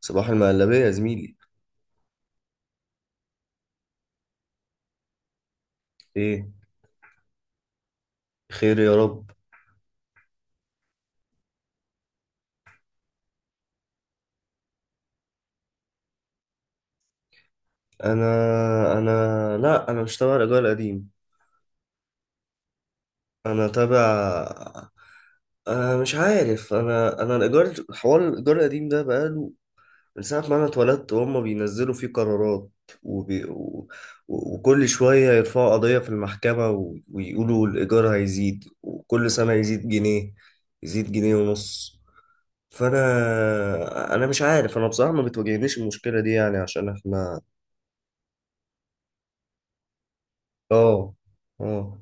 صباح المقلبية يا زميلي. ايه. خير يا رب. انا انا لا، انا مش تبع الايجار القديم. انا تبع انا مش عارف. انا انا حوار الايجار القديم ده بقاله من ساعة ما انا اتولدت وهم بينزلوا فيه قرارات، وبي... و... و- وكل شوية يرفعوا قضية في المحكمة، و... ويقولوا الإيجار هيزيد، وكل سنة يزيد جنيه، يزيد جنيه ونص. فأنا مش عارف، أنا بصراحة ما بتواجهنيش المشكلة دي، يعني عشان إحنا. اه، اه.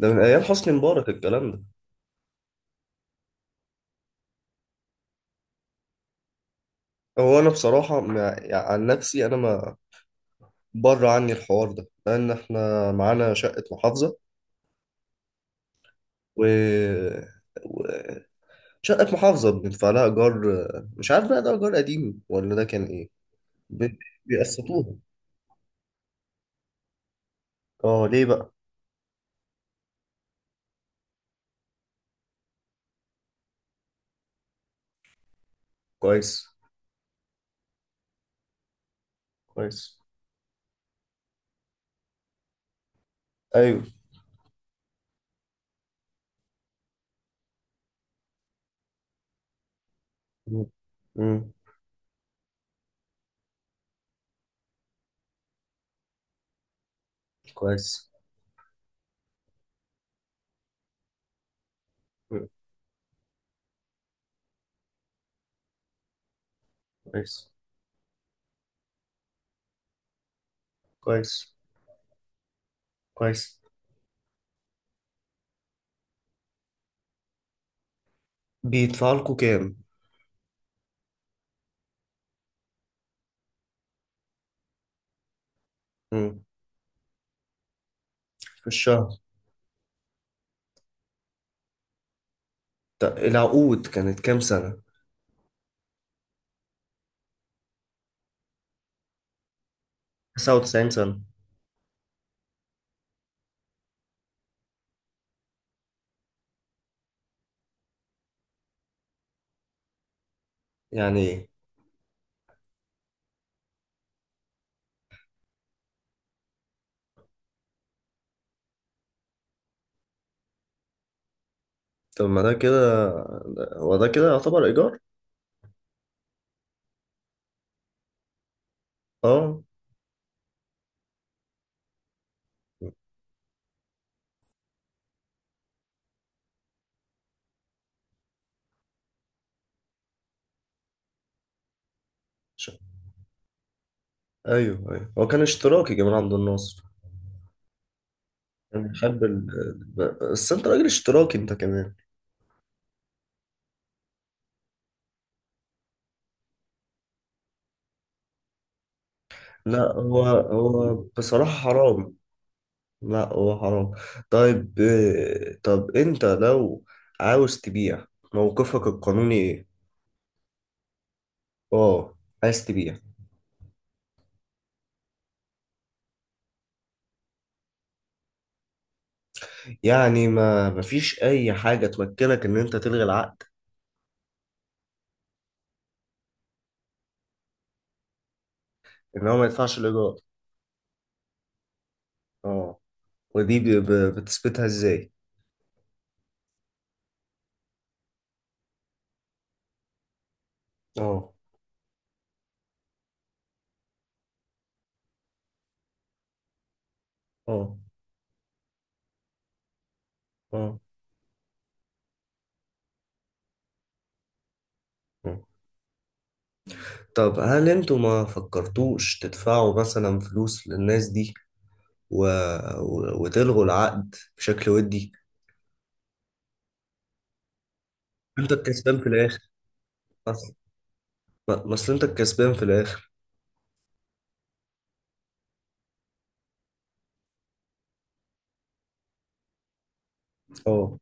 ده من ايام حسني مبارك الكلام ده. هو انا بصراحه، مع... يعني عن نفسي، انا ما بره عني الحوار ده لان احنا معانا شقه محافظه. و... و... شقه محافظه بندفع لها ايجار، مش عارف بقى ده ايجار قديم ولا ده كان ايه. ب... بيقسطوها. اه، ليه بقى؟ كويس. كويس. ايوه. امم كويس. مم. كويس. كويس. كويس. بيدفع لكم كام؟ مم. في الشهر. العقود كانت كام سنة؟ 99 سنة. يعني ايه؟ طب ما ده كده، هو ده كده يعتبر إيجار؟ اه. شوف. ايوه، ايوه، هو كان اشتراكي جمال عبد الناصر. كان بيحب ال... بس انت راجل اشتراكي انت كمان. لا، هو بصراحة حرام. لا، هو حرام. طيب. طب انت لو عاوز تبيع، موقفك القانوني ايه؟ اه، عايز تبيع. يعني ما مفيش اي حاجة تمكنك ان انت تلغي العقد؟ ان هو ما يدفعش الايجار. اه، ودي بتثبتها ازاي؟ اه. اه. اه. اه. طب هل انتوا ما فكرتوش تدفعوا مثلا فلوس للناس دي، و... و... وتلغوا العقد بشكل ودي؟ انت الكسبان في الاخر. اصل، ما اصل انت الكسبان في الاخر. اه.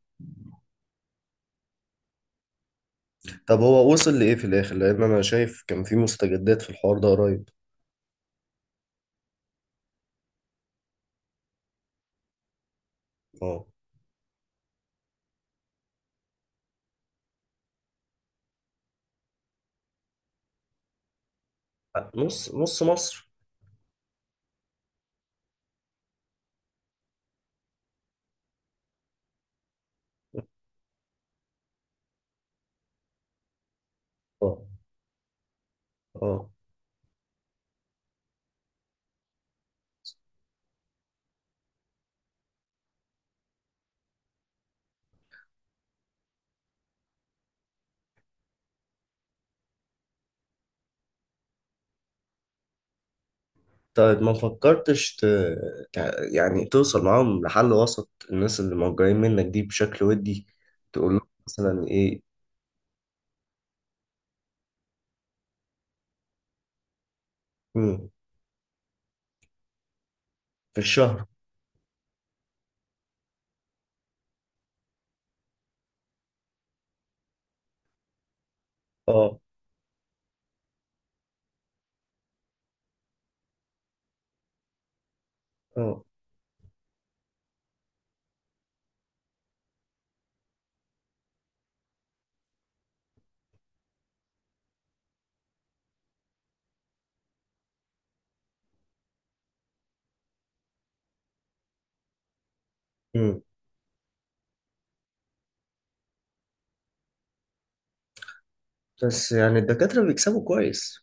طب هو وصل لإيه في الآخر؟ لأن أنا شايف كان في مستجدات في الحوار ده قريب. اه. نص نص مصر. اه، اه. طيب، ما فكرتش يعني توصل معاهم لحل وسط الناس اللي موجودين منك دي بشكل ودي، تقول لهم مثلا ايه؟ مم. في الشهر. اه، اه. مم. بس يعني الدكاترة بيكسبوا كويس.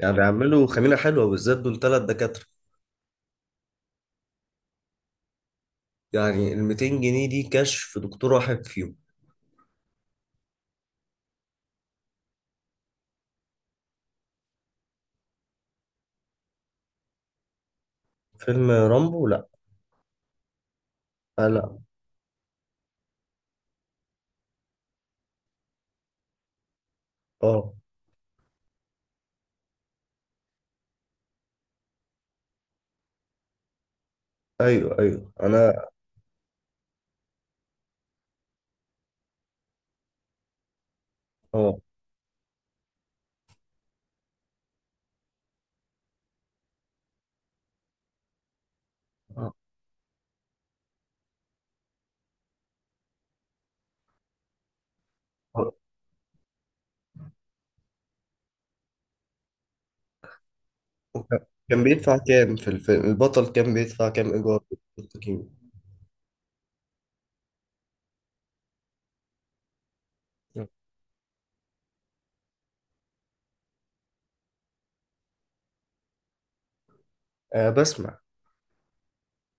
يعني بيعملوا خميرة حلوة، بالذات دول تلات دكاترة. يعني ال 200 جنيه دي كشف في دكتور واحد فيهم. فيلم رامبو؟ لا. آه، لا. اه. ايوه، ايوه، انا. اه. آه. آه. كان بيدفع كام في الفيلم؟ البطل كان بيدفع كام ايجار؟ في التكييف؟ آه، بسمع.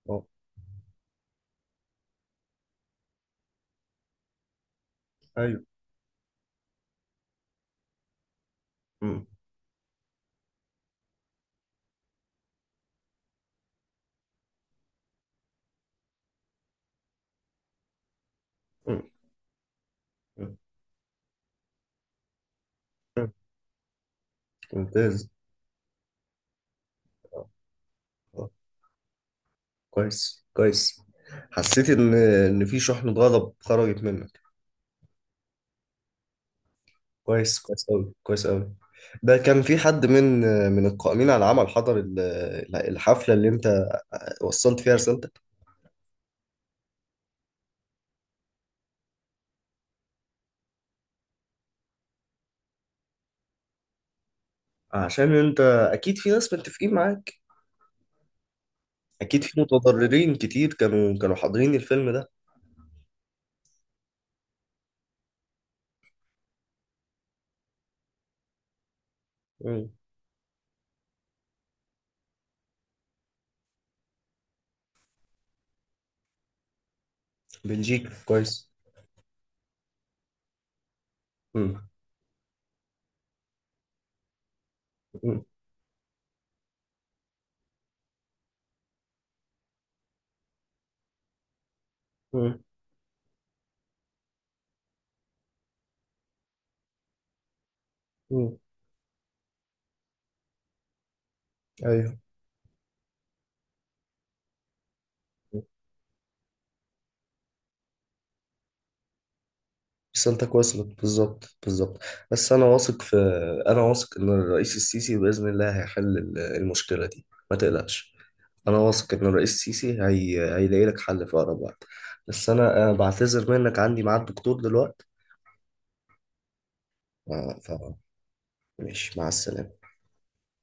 أه. أيوه. مم. مم. مم. مم. ممتاز. آه، آه، كويس، كويس. حسيت إن، في شحنة غضب خرجت منك. كويس، كويس أوي، كويس أوي. ده كان في حد من القائمين على العمل حضر الحفلة اللي أنت وصلت فيها رسالتك؟ عشان أنت أكيد في ناس متفقين معاك، أكيد في متضررين كتير كانوا حاضرين الفيلم ده. مم. بلجيكا، كويس. مم. مم. مم. مم. أيوه. رسالتك وصلت بالظبط، بالظبط. بس انا واثق في، انا واثق ان الرئيس السيسي باذن الله هيحل المشكله دي، ما تقلقش. انا واثق ان الرئيس السيسي هيلاقي لك حل في اقرب وقت. بس انا بعتذر منك، عندي ميعاد دكتور دلوقتي. ف... ف... ماشي، مع السلامه.